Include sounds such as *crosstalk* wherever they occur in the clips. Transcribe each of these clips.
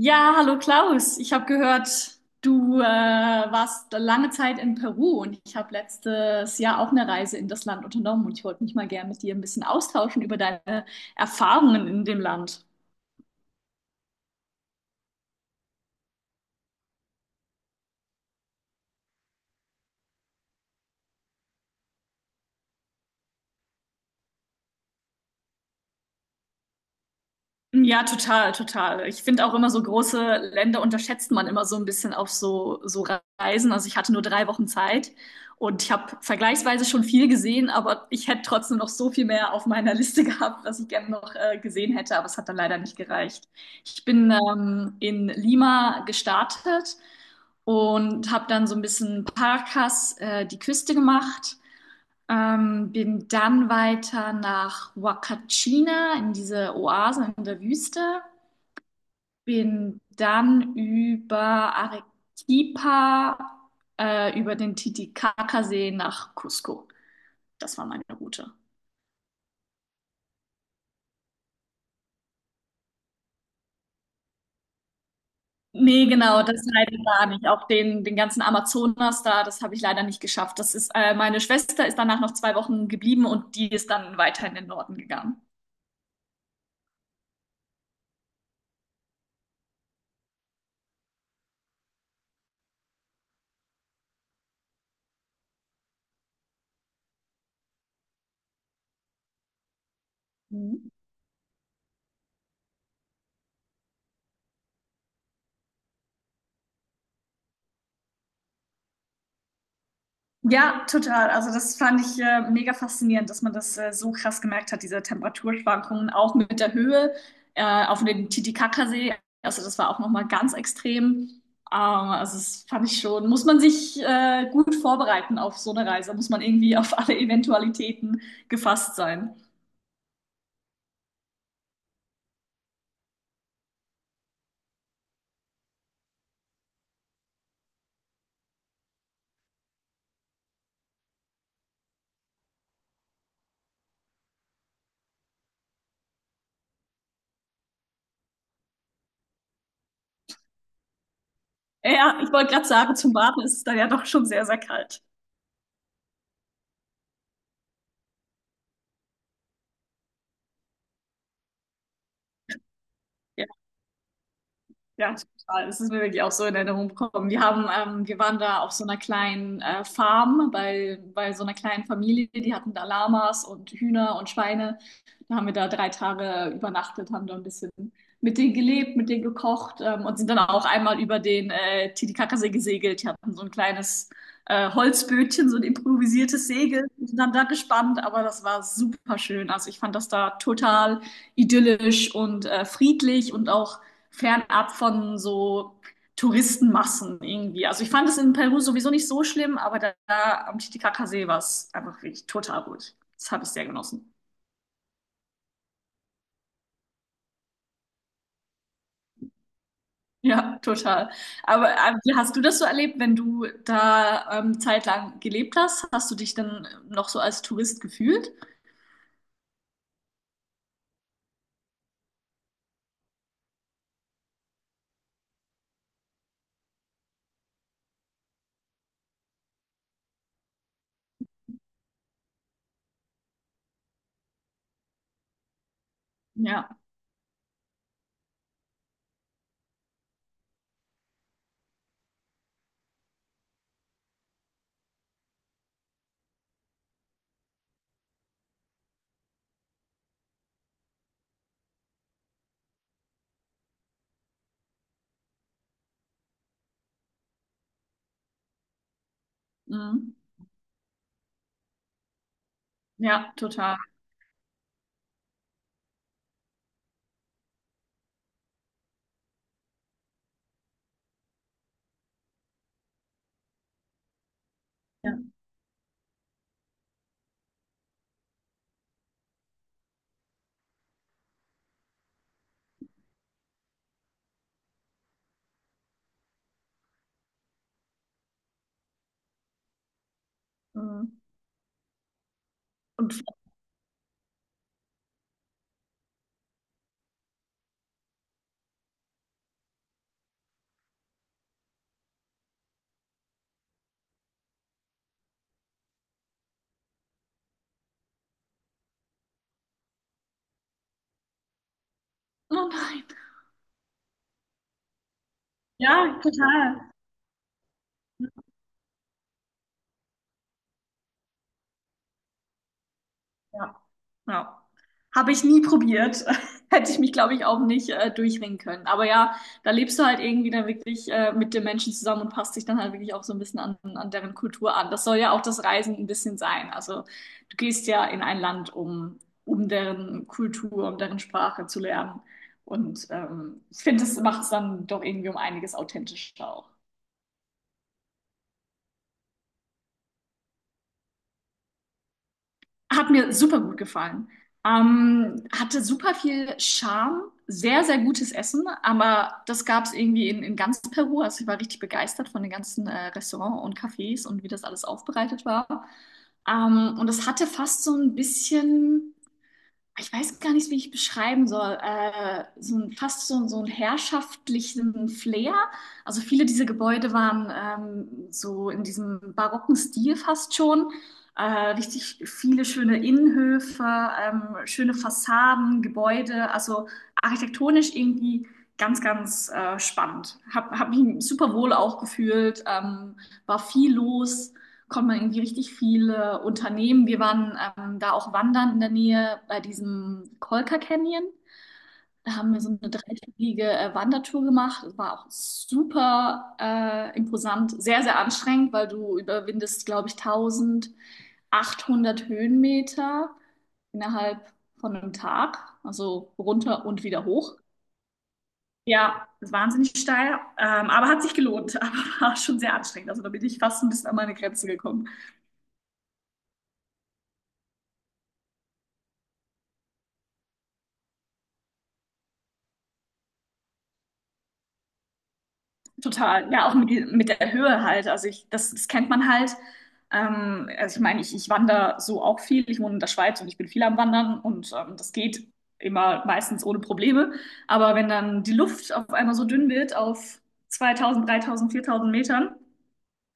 Ja, hallo Klaus. Ich habe gehört, du warst lange Zeit in Peru und ich habe letztes Jahr auch eine Reise in das Land unternommen und ich wollte mich mal gern mit dir ein bisschen austauschen über deine Erfahrungen in dem Land. Ja, total, total. Ich finde auch immer so große Länder unterschätzt man immer so ein bisschen auf so Reisen. Also ich hatte nur 3 Wochen Zeit und ich habe vergleichsweise schon viel gesehen, aber ich hätte trotzdem noch so viel mehr auf meiner Liste *laughs* gehabt, was ich gerne noch gesehen hätte, aber es hat dann leider nicht gereicht. Ich bin in Lima gestartet und habe dann so ein bisschen Paracas, die Küste gemacht. Bin dann weiter nach Huacachina in diese Oase in der Wüste. Bin dann über Arequipa, über den Titicacasee nach Cusco. Das war meine Route. Nee, genau, das leider gar nicht. Auch den ganzen Amazonas da, das habe ich leider nicht geschafft. Meine Schwester ist danach noch 2 Wochen geblieben und die ist dann weiter in den Norden gegangen. Mhm. Ja, total. Also das fand ich mega faszinierend, dass man das so krass gemerkt hat, diese Temperaturschwankungen auch mit der Höhe auf dem Titicacasee. Also das war auch noch mal ganz extrem. Also das fand ich schon, muss man sich gut vorbereiten auf so eine Reise, muss man irgendwie auf alle Eventualitäten gefasst sein. Ja, ich wollte gerade sagen, zum Baden ist es dann ja doch schon sehr, sehr kalt. Ja. Ja, total. Das ist mir wirklich auch so in Erinnerung gekommen. Wir waren da auf so einer kleinen Farm bei so einer kleinen Familie. Die hatten da Lamas und Hühner und Schweine. Da haben wir da 3 Tage übernachtet, haben da ein bisschen mit denen gelebt, mit denen gekocht und sind dann auch einmal über den Titicacasee gesegelt. Die hatten so ein kleines Holzbötchen, so ein improvisiertes Segel, sind dann da gespannt, aber das war super schön. Also ich fand das da total idyllisch und friedlich und auch fernab von so Touristenmassen irgendwie. Also ich fand es in Peru sowieso nicht so schlimm, aber da, da am Titicacasee war es einfach wirklich total gut. Das habe ich sehr genossen. *laughs* Ja, total. Aber wie hast du das so erlebt, wenn du da zeitlang gelebt hast? Hast du dich dann noch so als Tourist gefühlt? Ja, mhm. Ja, total. Ja. Mhm. Und oh *laughs* nein. Ja, total. Ja. Ja. Habe ich nie probiert. *laughs* Hätte ich mich, glaube ich, auch nicht durchringen können. Aber ja, da lebst du halt irgendwie dann wirklich mit den Menschen zusammen und passt dich dann halt wirklich auch so ein bisschen an, an deren Kultur an. Das soll ja auch das Reisen ein bisschen sein. Also du gehst ja in ein Land, um deren Kultur, um deren Sprache zu lernen. Und ich finde, das macht es dann doch irgendwie um einiges authentischer auch. Hat mir super gut gefallen. Hatte super viel Charme, sehr, sehr gutes Essen, aber das gab es irgendwie in ganz Peru. Also ich war richtig begeistert von den ganzen Restaurants und Cafés und wie das alles aufbereitet war. Und es hatte fast so ein bisschen, ich weiß gar nicht, wie ich beschreiben soll, so ein, fast so, so einen herrschaftlichen Flair. Also viele dieser Gebäude waren so in diesem barocken Stil fast schon. Äh, Richtig viele schöne Innenhöfe, schöne Fassaden, Gebäude. Also architektonisch irgendwie ganz, ganz spannend. Hab mich super wohl auch gefühlt, war viel los, konnte man irgendwie richtig viele Unternehmen. Wir waren da auch wandern in der Nähe bei diesem Kolka Canyon. Da haben wir so eine dreitägige Wandertour gemacht. Das war auch super imposant, sehr, sehr anstrengend, weil du überwindest, glaube ich, 1800 Höhenmeter innerhalb von einem Tag. Also runter und wieder hoch. Ja, wahnsinnig steil, aber hat sich gelohnt, *laughs* aber war schon sehr anstrengend. Also da bin ich fast ein bisschen an meine Grenze gekommen. Total, ja, auch mit der Höhe halt. Also ich, das kennt man halt. Also ich meine, ich wandere so auch viel. Ich wohne in der Schweiz und ich bin viel am Wandern und das geht immer meistens ohne Probleme. Aber wenn dann die Luft auf einmal so dünn wird auf 2000, 3000, 4000 Metern,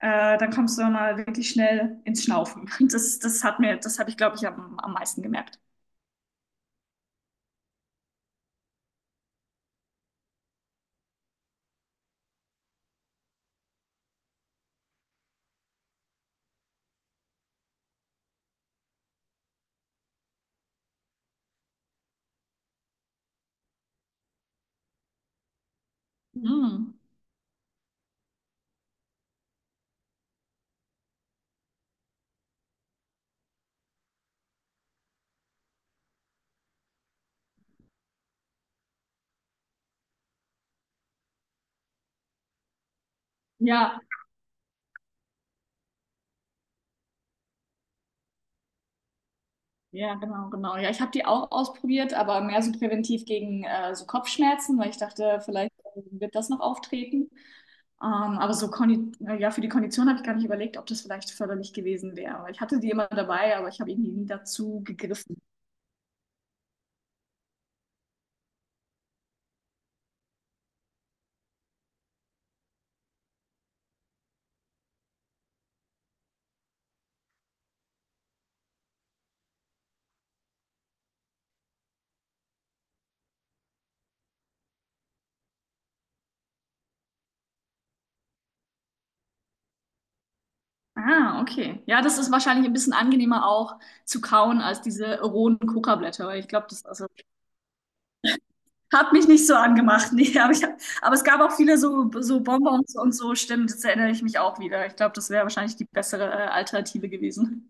dann kommst du dann mal wirklich schnell ins Schnaufen. *laughs* Das hat mir, das habe ich, glaube ich, am meisten gemerkt. Mhm. Ja, Ja, genau, genau. Ja, ich habe die auch ausprobiert, aber mehr so präventiv gegen so Kopfschmerzen, weil ich dachte, vielleicht wird das noch auftreten. Ähm, aber so Kondi ja, für die Kondition habe ich gar nicht überlegt, ob das vielleicht förderlich gewesen wäre. Aber Ich hatte die immer dabei, aber ich habe irgendwie nie dazu gegriffen. Ah, okay. Ja, das ist wahrscheinlich ein bisschen angenehmer auch zu kauen als diese rohen Kokablätter, weil ich glaube, das, also, hat mich nicht so angemacht, *laughs* nee, aber, es gab auch viele so Bonbons und so, stimmt, jetzt erinnere ich mich auch wieder. Ich glaube, das wäre wahrscheinlich die bessere Alternative gewesen.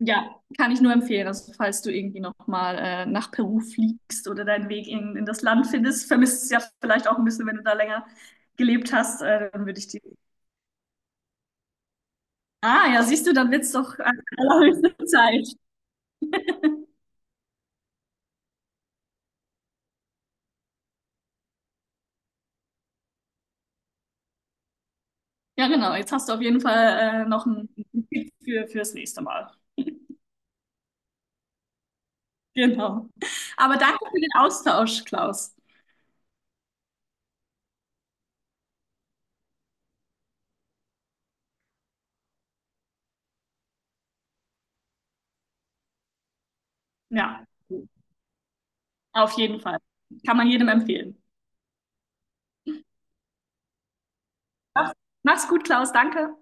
Ja, kann ich nur empfehlen. Also, falls du irgendwie nochmal nach Peru fliegst oder deinen Weg in das Land findest, vermisst es ja vielleicht auch ein bisschen, wenn du da länger gelebt hast, dann würde ich dir. Ah, ja, siehst du, dann wird's doch an *laughs* allerhöchste Zeit. Ja, genau. Jetzt hast du auf jeden Fall noch einen Tipp fürs nächste Mal. Genau. Aber danke für den Austausch, Klaus. Ja, auf jeden Fall. Kann man jedem empfehlen. Mach's mach's gut, Klaus. Danke.